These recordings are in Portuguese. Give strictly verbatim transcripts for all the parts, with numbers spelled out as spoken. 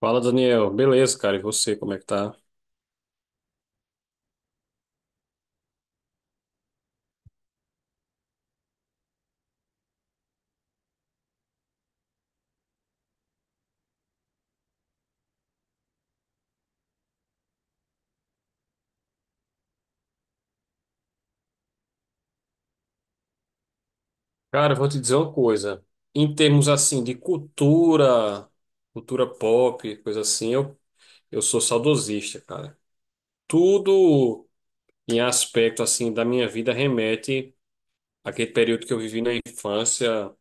Fala, Daniel. Beleza, cara. E você, como é que tá? Cara, eu vou te dizer uma coisa. Em termos assim de cultura, cultura pop, coisa assim, eu, eu sou saudosista, cara. Tudo em aspecto assim da minha vida remete àquele período que eu vivi na infância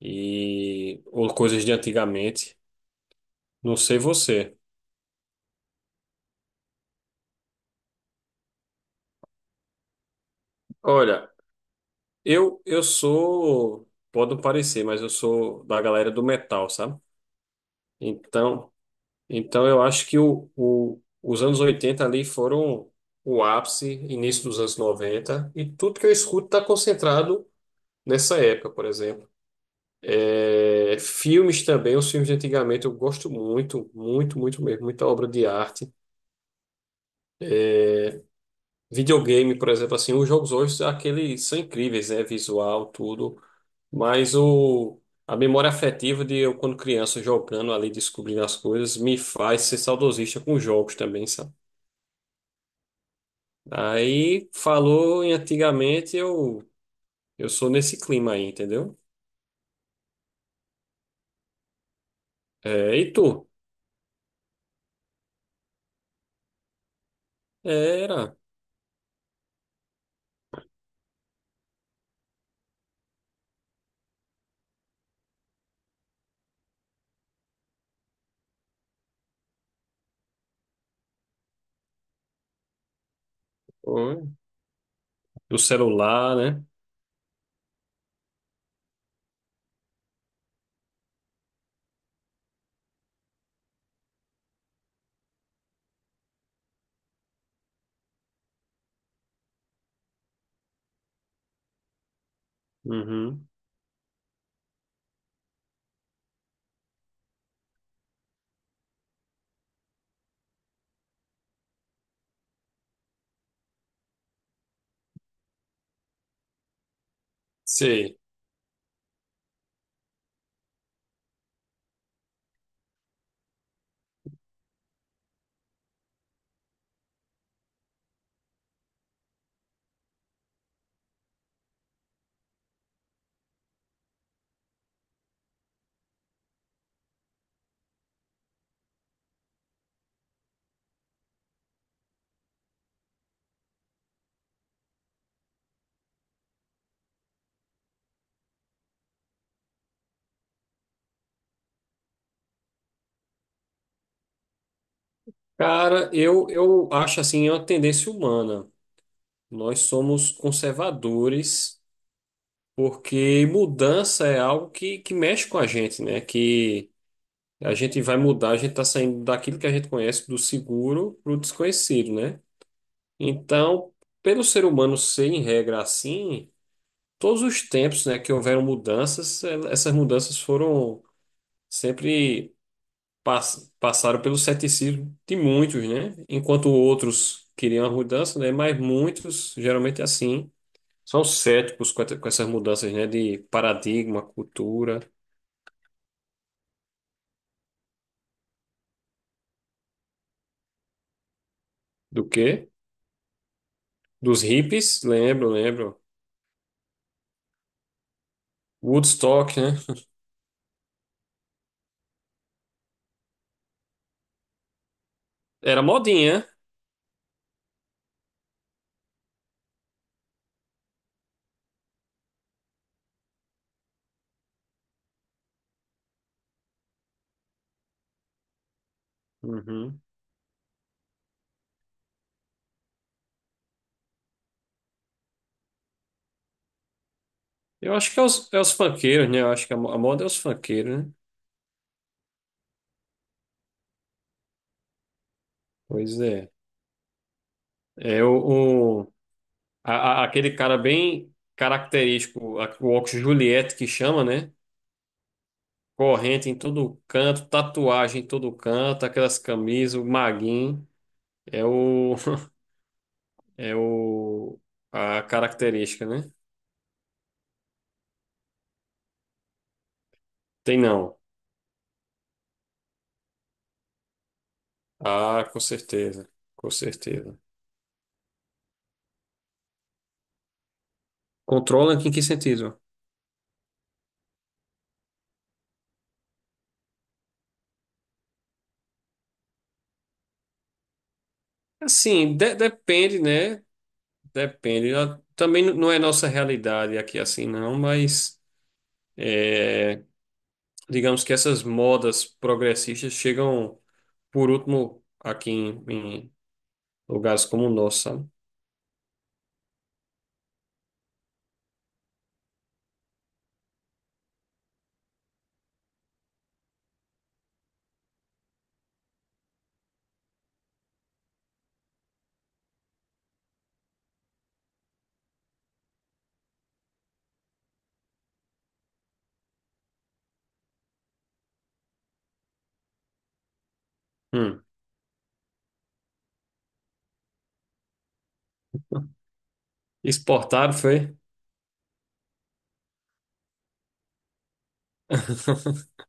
e ou coisas de antigamente. Não sei você. Olha, eu eu sou, pode não parecer, mas eu sou da galera do metal, sabe? Então, Então, eu acho que o, o- os anos oitenta ali foram o ápice, início dos anos noventa e tudo que eu escuto está concentrado nessa época, por exemplo. É, filmes também, os filmes de antigamente eu gosto muito, muito, muito mesmo, muita obra de arte. Videogame, por exemplo, assim, os jogos hoje, aqueles são incríveis, né? Visual, tudo, mas o, a memória afetiva de eu, quando criança, jogando ali, descobrindo as coisas, me faz ser saudosista com jogos também. Aí falou em antigamente, eu, eu sou nesse clima aí, entendeu? É, e tu? Era. Oi. O celular, né? Uhum. Sei. Cara, eu, eu acho assim, é uma tendência humana. Nós somos conservadores porque mudança é algo que, que mexe com a gente, né? Que a gente vai mudar, a gente tá saindo daquilo que a gente conhece, do seguro para o desconhecido, né? Então, pelo ser humano ser em regra assim, todos os tempos, né, que houveram mudanças, el- essas mudanças foram sempre pass- passaram pelo ceticismo de muitos, né? Enquanto outros queriam a mudança, né? Mas muitos, geralmente é assim, são céticos com, et- com essas mudanças, né, de paradigma, cultura, do quê? Dos hippies, lembro, lembro. Woodstock, né? Era modinha. Uhum. Eu acho que é os, é os funkeiros, né? Eu acho que a mo- a moda é os funkeiros, né? Pois é. É o. A- a- aquele cara bem característico, a- o óculos Juliette que chama, né? Corrente em todo canto, tatuagem em todo canto, aquelas camisas, o maguinho. É o. É o. A característica, né? Tem não. Ah, com certeza. Com certeza. Controla em que sentido? Assim, de- depende, né? Depende. Ah, também n- não é nossa realidade aqui assim, não, mas, é, digamos que essas modas progressistas chegam por último aqui em, em lugares como o nosso, sabe? Hum. Exportado foi?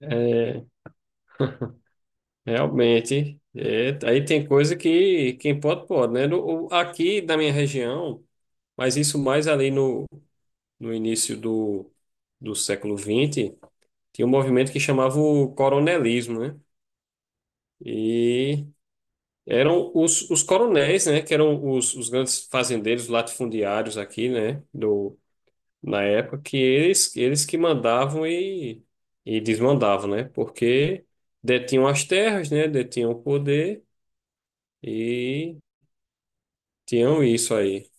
É, realmente. É, aí tem coisa que quem pode, pode, né? No- o- aqui na minha região, mas isso mais ali no, no início do, do século vinte tinha um movimento que chamava o coronelismo, né? E eram os, os coronéis, né? Que eram os, os grandes fazendeiros latifundiários aqui, né? Na época que eles, eles que mandavam e, e desmandavam, né? Porque detinham as terras, né? Detinham o poder e tinham isso aí.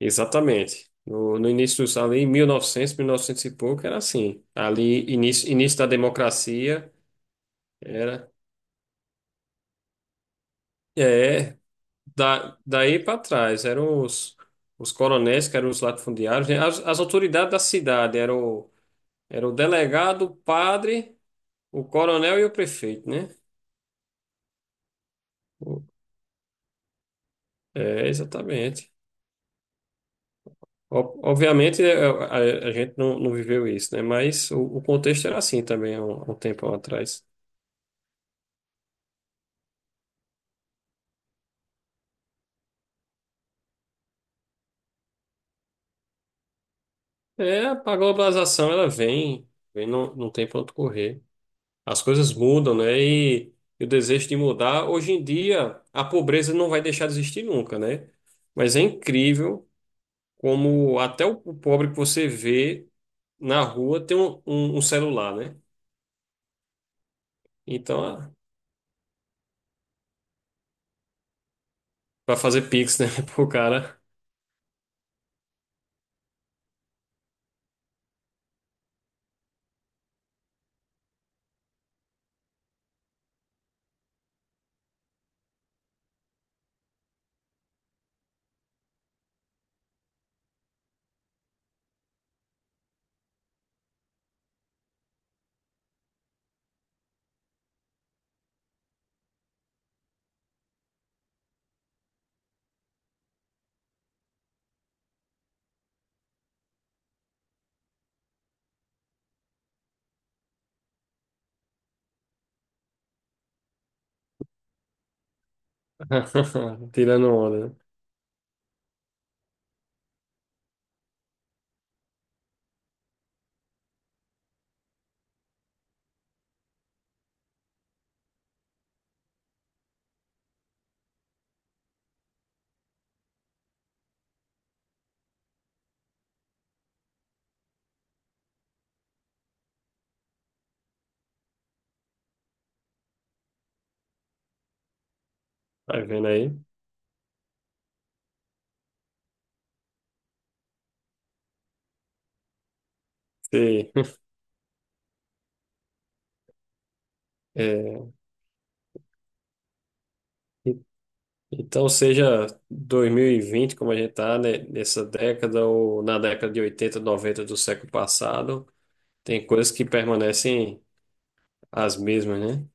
Exatamente. No, no início dos, ali, em mil e novecentos, novecentos e pouco, era assim. Ali, início, início da democracia, era... É, da, daí para trás, eram os, os coronéis, que eram os latifundiários, né? As, as autoridades da cidade, eram o, era o delegado, o padre... O coronel e o prefeito, né? É, exatamente. Ob- Obviamente, é, é, a, a gente não, não viveu isso, né? Mas o, o contexto era assim também há um, há um tempo atrás. É, a globalização, ela vem, vem não, não tem para onde correr. As coisas mudam, né? E, e o desejo de mudar, hoje em dia, a pobreza não vai deixar de existir nunca, né? Mas é incrível como até o, o pobre que você vê na rua tem um, um, um celular, né? Então, para fazer pix, né, pro cara. Tirando onda, né? Tá vendo aí? Sim. É, e- então, seja dois mil e vinte, como a gente está nessa década, ou na década de oitenta, noventa do século passado, tem coisas que permanecem as mesmas, né?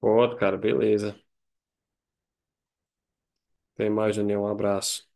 Pode, cara, beleza. Até mais, Daniel. Um abraço.